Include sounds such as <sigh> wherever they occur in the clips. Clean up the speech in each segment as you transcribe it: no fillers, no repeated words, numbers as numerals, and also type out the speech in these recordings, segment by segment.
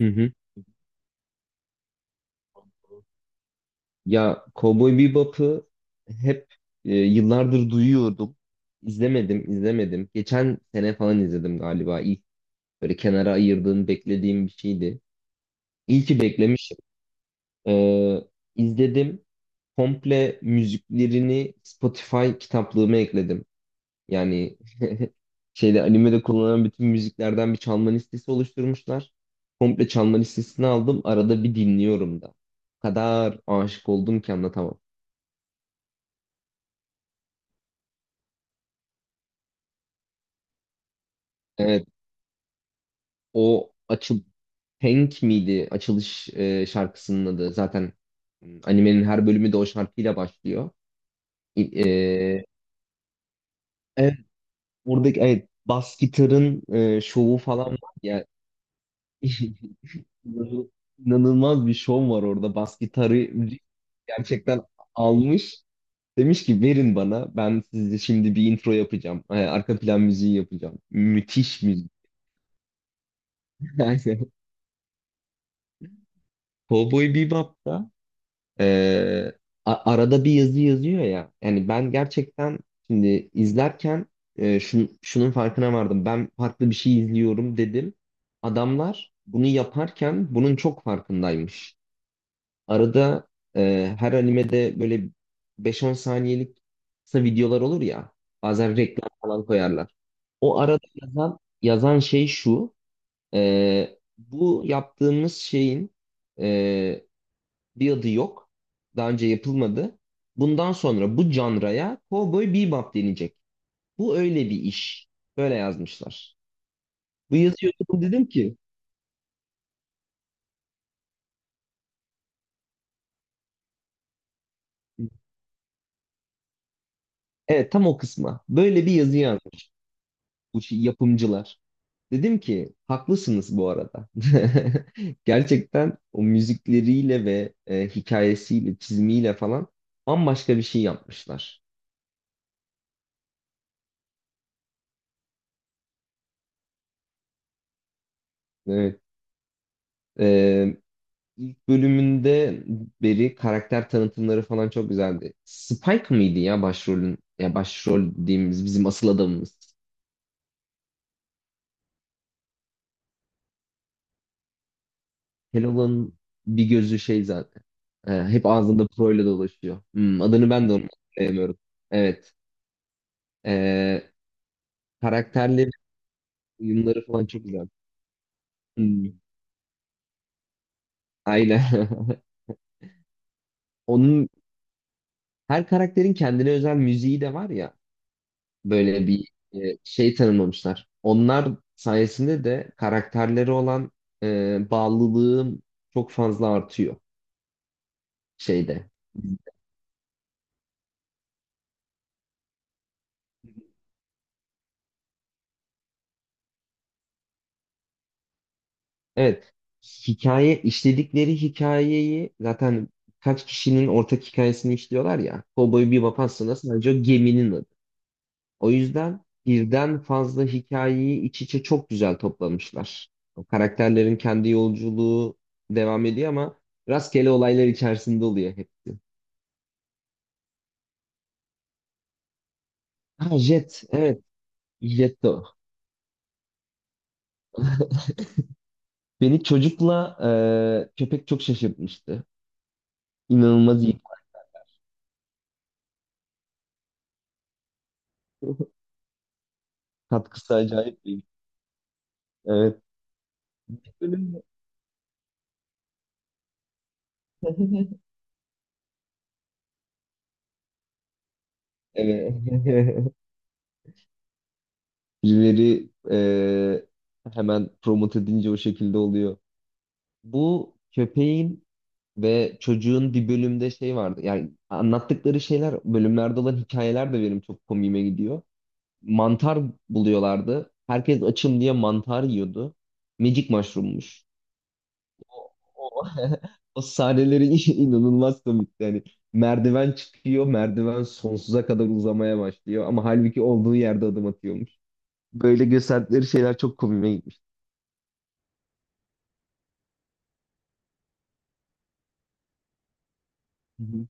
Hı hı. Ya Cowboy Bebop'ı hep yıllardır duyuyordum. İzlemedim, izlemedim. Geçen sene falan izledim galiba. İlk böyle kenara ayırdığım, beklediğim bir şeydi. İyi ki beklemişim. Ee, izledim. Komple müziklerini Spotify kitaplığıma ekledim. Yani <laughs> animede kullanılan bütün müziklerden bir çalma listesi oluşturmuşlar. Komple çalma listesini aldım. Arada bir dinliyorum da. O kadar aşık oldum ki anlatamam. Evet, o açıl Tank miydi açılış şarkısının adı? Zaten animenin her bölümü de o şarkıyla başlıyor. İ- e, evet, buradaki evet bas gitarın şovu falan var ya. <laughs> İnanılmaz bir şov var orada. Bas gitarı gerçekten almış. Demiş ki verin bana. Ben size şimdi bir intro yapacağım. Arka plan müziği yapacağım. Müthiş müzik. <laughs> Yani Cowboy Bebop'ta ee, arada bir yazı yazıyor ya. Yani ben gerçekten şimdi izlerken şunun farkına vardım. Ben farklı bir şey izliyorum dedim. Adamlar bunu yaparken bunun çok farkındaymış. Arada her animede böyle beş-on saniyelik kısa videolar olur ya. Bazen reklam falan koyarlar. O arada yazan şey şu. Bu yaptığımız şeyin e, bir adı yok. Daha önce yapılmadı. Bundan sonra bu canraya Cowboy Bebop denecek. Bu öyle bir iş. Böyle yazmışlar. Bu yazıyı okudum dedim ki evet, tam o kısma. Böyle bir yazı yazmış bu yapımcılar. Dedim ki haklısınız bu arada. <laughs> Gerçekten o müzikleriyle ve hikayesiyle, çizimiyle falan bambaşka bir şey yapmışlar. Evet. E, ilk bölümünde beri karakter tanıtımları falan çok güzeldi. Spike mıydı ya başrolün, ya başrol dediğimiz bizim asıl adamımız. Keloğlan'ın bir gözü şey zaten. E, hep ağzında proyla dolaşıyor. Hmm, adını ben de onu hatırlayamıyorum. Evet. E, karakterleri, uyumları falan çok güzel. Hmm, aynen. <laughs> Onun her karakterin kendine özel müziği de var ya. Böyle bir şey tanımlamışlar. Onlar sayesinde de karakterleri olan bağlılığım çok fazla artıyor şeyde. Evet. Hikaye, işledikleri hikayeyi zaten kaç kişinin ortak hikayesini işliyorlar ya. Cowboy Bebop aslında sadece o geminin adı. O yüzden birden fazla hikayeyi iç içe çok güzel toplamışlar. O karakterlerin kendi yolculuğu devam ediyor ama rastgele olaylar içerisinde oluyor hep. Ha Jet, evet, Jet de o. Beni çocukla köpek çok şaşırtmıştı. İnanılmaz iyi. <laughs> Katkısı acayip iyi. Evet. Ölüm. <laughs> Evet. <laughs> Birileri hemen promote edince o şekilde oluyor. Bu köpeğin ve çocuğun bir bölümde şey vardı. Yani anlattıkları şeyler, bölümlerde olan hikayeler de benim çok komiğime gidiyor. Mantar buluyorlardı. Herkes açım diye mantar yiyordu. Magic mushroommuş. O, <laughs> o sahneleri <laughs> inanılmaz komikti. Yani merdiven çıkıyor, merdiven sonsuza kadar uzamaya başlıyor. Ama halbuki olduğu yerde adım atıyormuş. Böyle gösterdikleri şeyler çok komiğime gitmişti. Hı hı.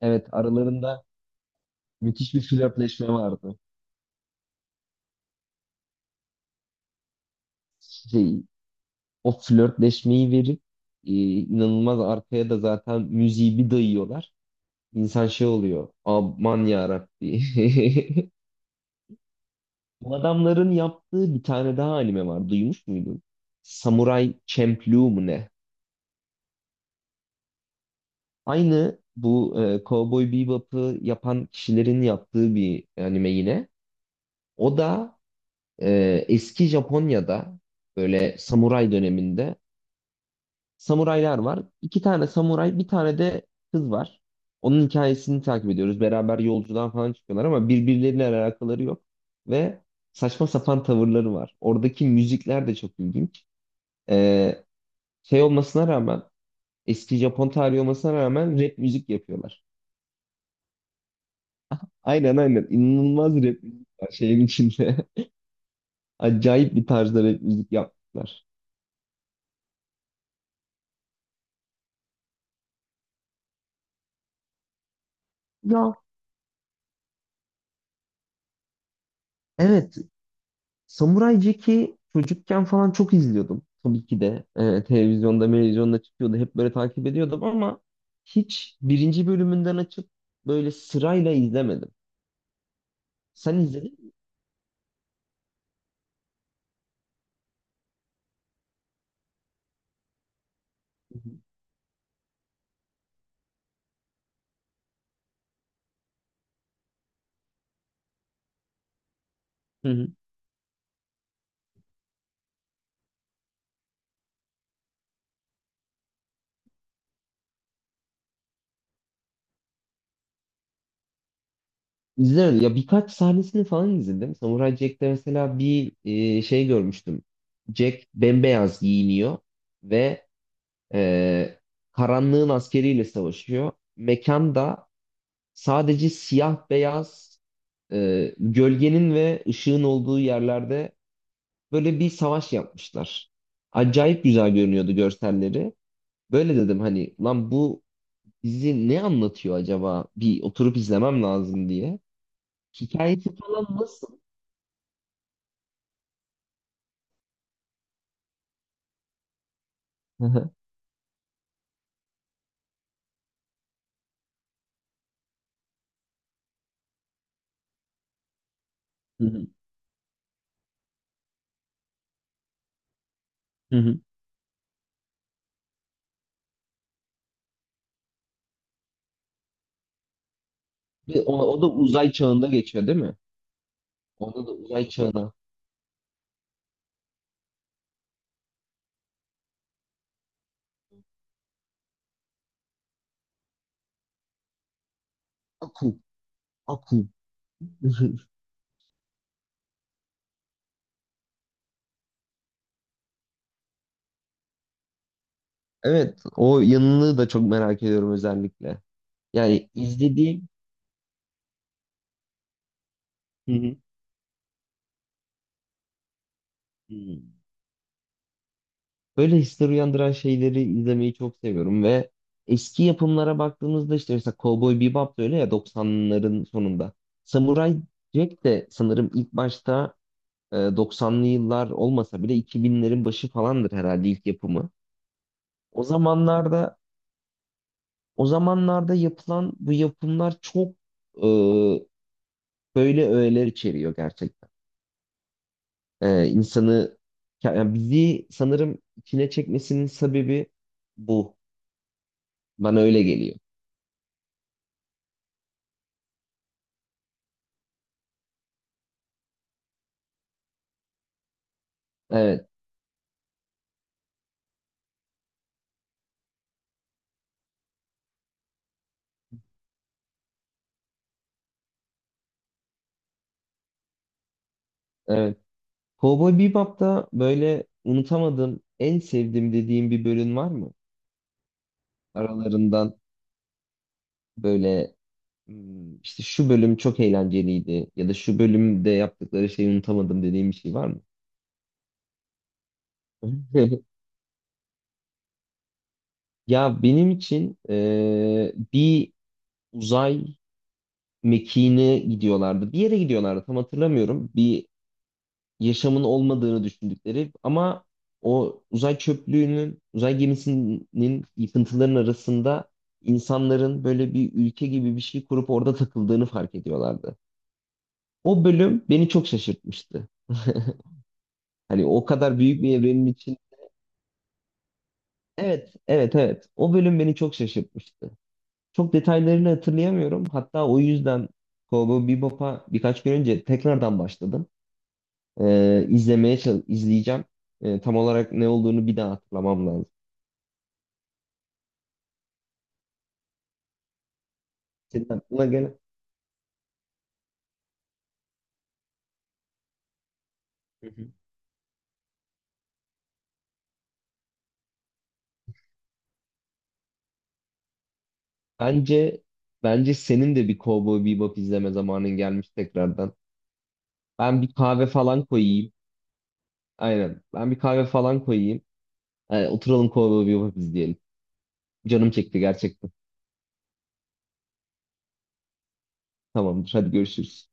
Evet, aralarında müthiş bir flörtleşme vardı. Şey, o flörtleşmeyi verip inanılmaz arkaya da zaten müziği bir dayıyorlar. İnsan şey oluyor. Aman yarabbi. <laughs> Bu adamların yaptığı bir tane daha anime var. Duymuş muydun? Samurai Champloo mu ne? Aynı bu Cowboy Bebop'ı yapan kişilerin yaptığı bir anime yine. O da eski Japonya'da böyle samuray döneminde samuraylar var. İki tane samuray, bir tane de kız var. Onun hikayesini takip ediyoruz. Beraber yolculuğa falan çıkıyorlar ama birbirleriyle alakaları yok. Ve saçma sapan tavırları var. Oradaki müzikler de çok ilginç. Ee, şey olmasına rağmen, eski Japon tarihi olmasına rağmen rap müzik yapıyorlar. Aynen, aynen. İnanılmaz rap müzik var şeyin içinde. <laughs> Acayip bir tarzda rap müzik yaptılar. Ya evet. Samuray Jack'i çocukken falan çok izliyordum. Tabii ki de televizyonda çıkıyordu. Hep böyle takip ediyordum ama hiç birinci bölümünden açıp böyle sırayla izlemedim. Sen izledin mi? Hı hı. İzlemedim. Ya birkaç sahnesini falan izledim. Samuray Jack'te mesela bir şey görmüştüm. Jack bembeyaz giyiniyor ve e, karanlığın askeriyle savaşıyor. Mekanda sadece siyah beyaz gölgenin ve ışığın olduğu yerlerde böyle bir savaş yapmışlar. Acayip güzel görünüyordu görselleri. Böyle dedim hani lan bu bizi ne anlatıyor acaba? Bir oturup izlemem lazım diye. Hikayesi falan nasıl? Hı hı. Hı hı. Hı hı. O, o da uzay çağında geçiyor değil mi? Onda da uzay çağına. Aku, aku. <laughs> Evet, o yanını da çok merak ediyorum özellikle. Yani izlediğim. Hı hı. Hı. Böyle hisler uyandıran şeyleri izlemeyi çok seviyorum ve eski yapımlara baktığımızda işte mesela Cowboy Bebop da öyle ya, 90'ların sonunda. Samurai Jack de sanırım ilk başta 90'lı yıllar olmasa bile 2000'lerin başı falandır herhalde ilk yapımı. O zamanlarda o zamanlarda yapılan bu yapımlar çok e, böyle öğeler içeriyor gerçekten. E, insanı, yani bizi sanırım içine çekmesinin sebebi bu. Bana öyle geliyor. Evet. Evet. Cowboy Bebop'ta böyle unutamadığım, en sevdiğim dediğim bir bölüm var mı? Aralarından böyle hmm, işte şu bölüm çok eğlenceliydi ya da şu bölümde yaptıkları şeyi unutamadım dediğim bir şey var mı? <laughs> Ya benim için bir uzay mekiğine gidiyorlardı. Bir yere gidiyorlardı, tam hatırlamıyorum. Bir yaşamın olmadığını düşündükleri ama o uzay çöplüğünün, uzay gemisinin yıkıntıların arasında insanların böyle bir ülke gibi bir şey kurup orada takıldığını fark ediyorlardı. O bölüm beni çok şaşırtmıştı. <laughs> Hani o kadar büyük bir evrenin için. Evet, evet, evet. O bölüm beni çok şaşırtmıştı. Çok detaylarını hatırlayamıyorum. Hatta o yüzden Cowboy Bebop'a birkaç gün önce tekrardan başladım. İzlemeye izleyeceğim. Tam olarak ne olduğunu bir daha hatırlamam lazım. Senin aklına gelen. Hı hı. Bence bence senin de bir Cowboy Bebop izleme zamanın gelmiş tekrardan. Ben bir kahve falan koyayım. Aynen. Ben bir kahve falan koyayım. Oturalım Cowboy Bebop izleyelim. Canım çekti gerçekten. Tamamdır. Hadi görüşürüz.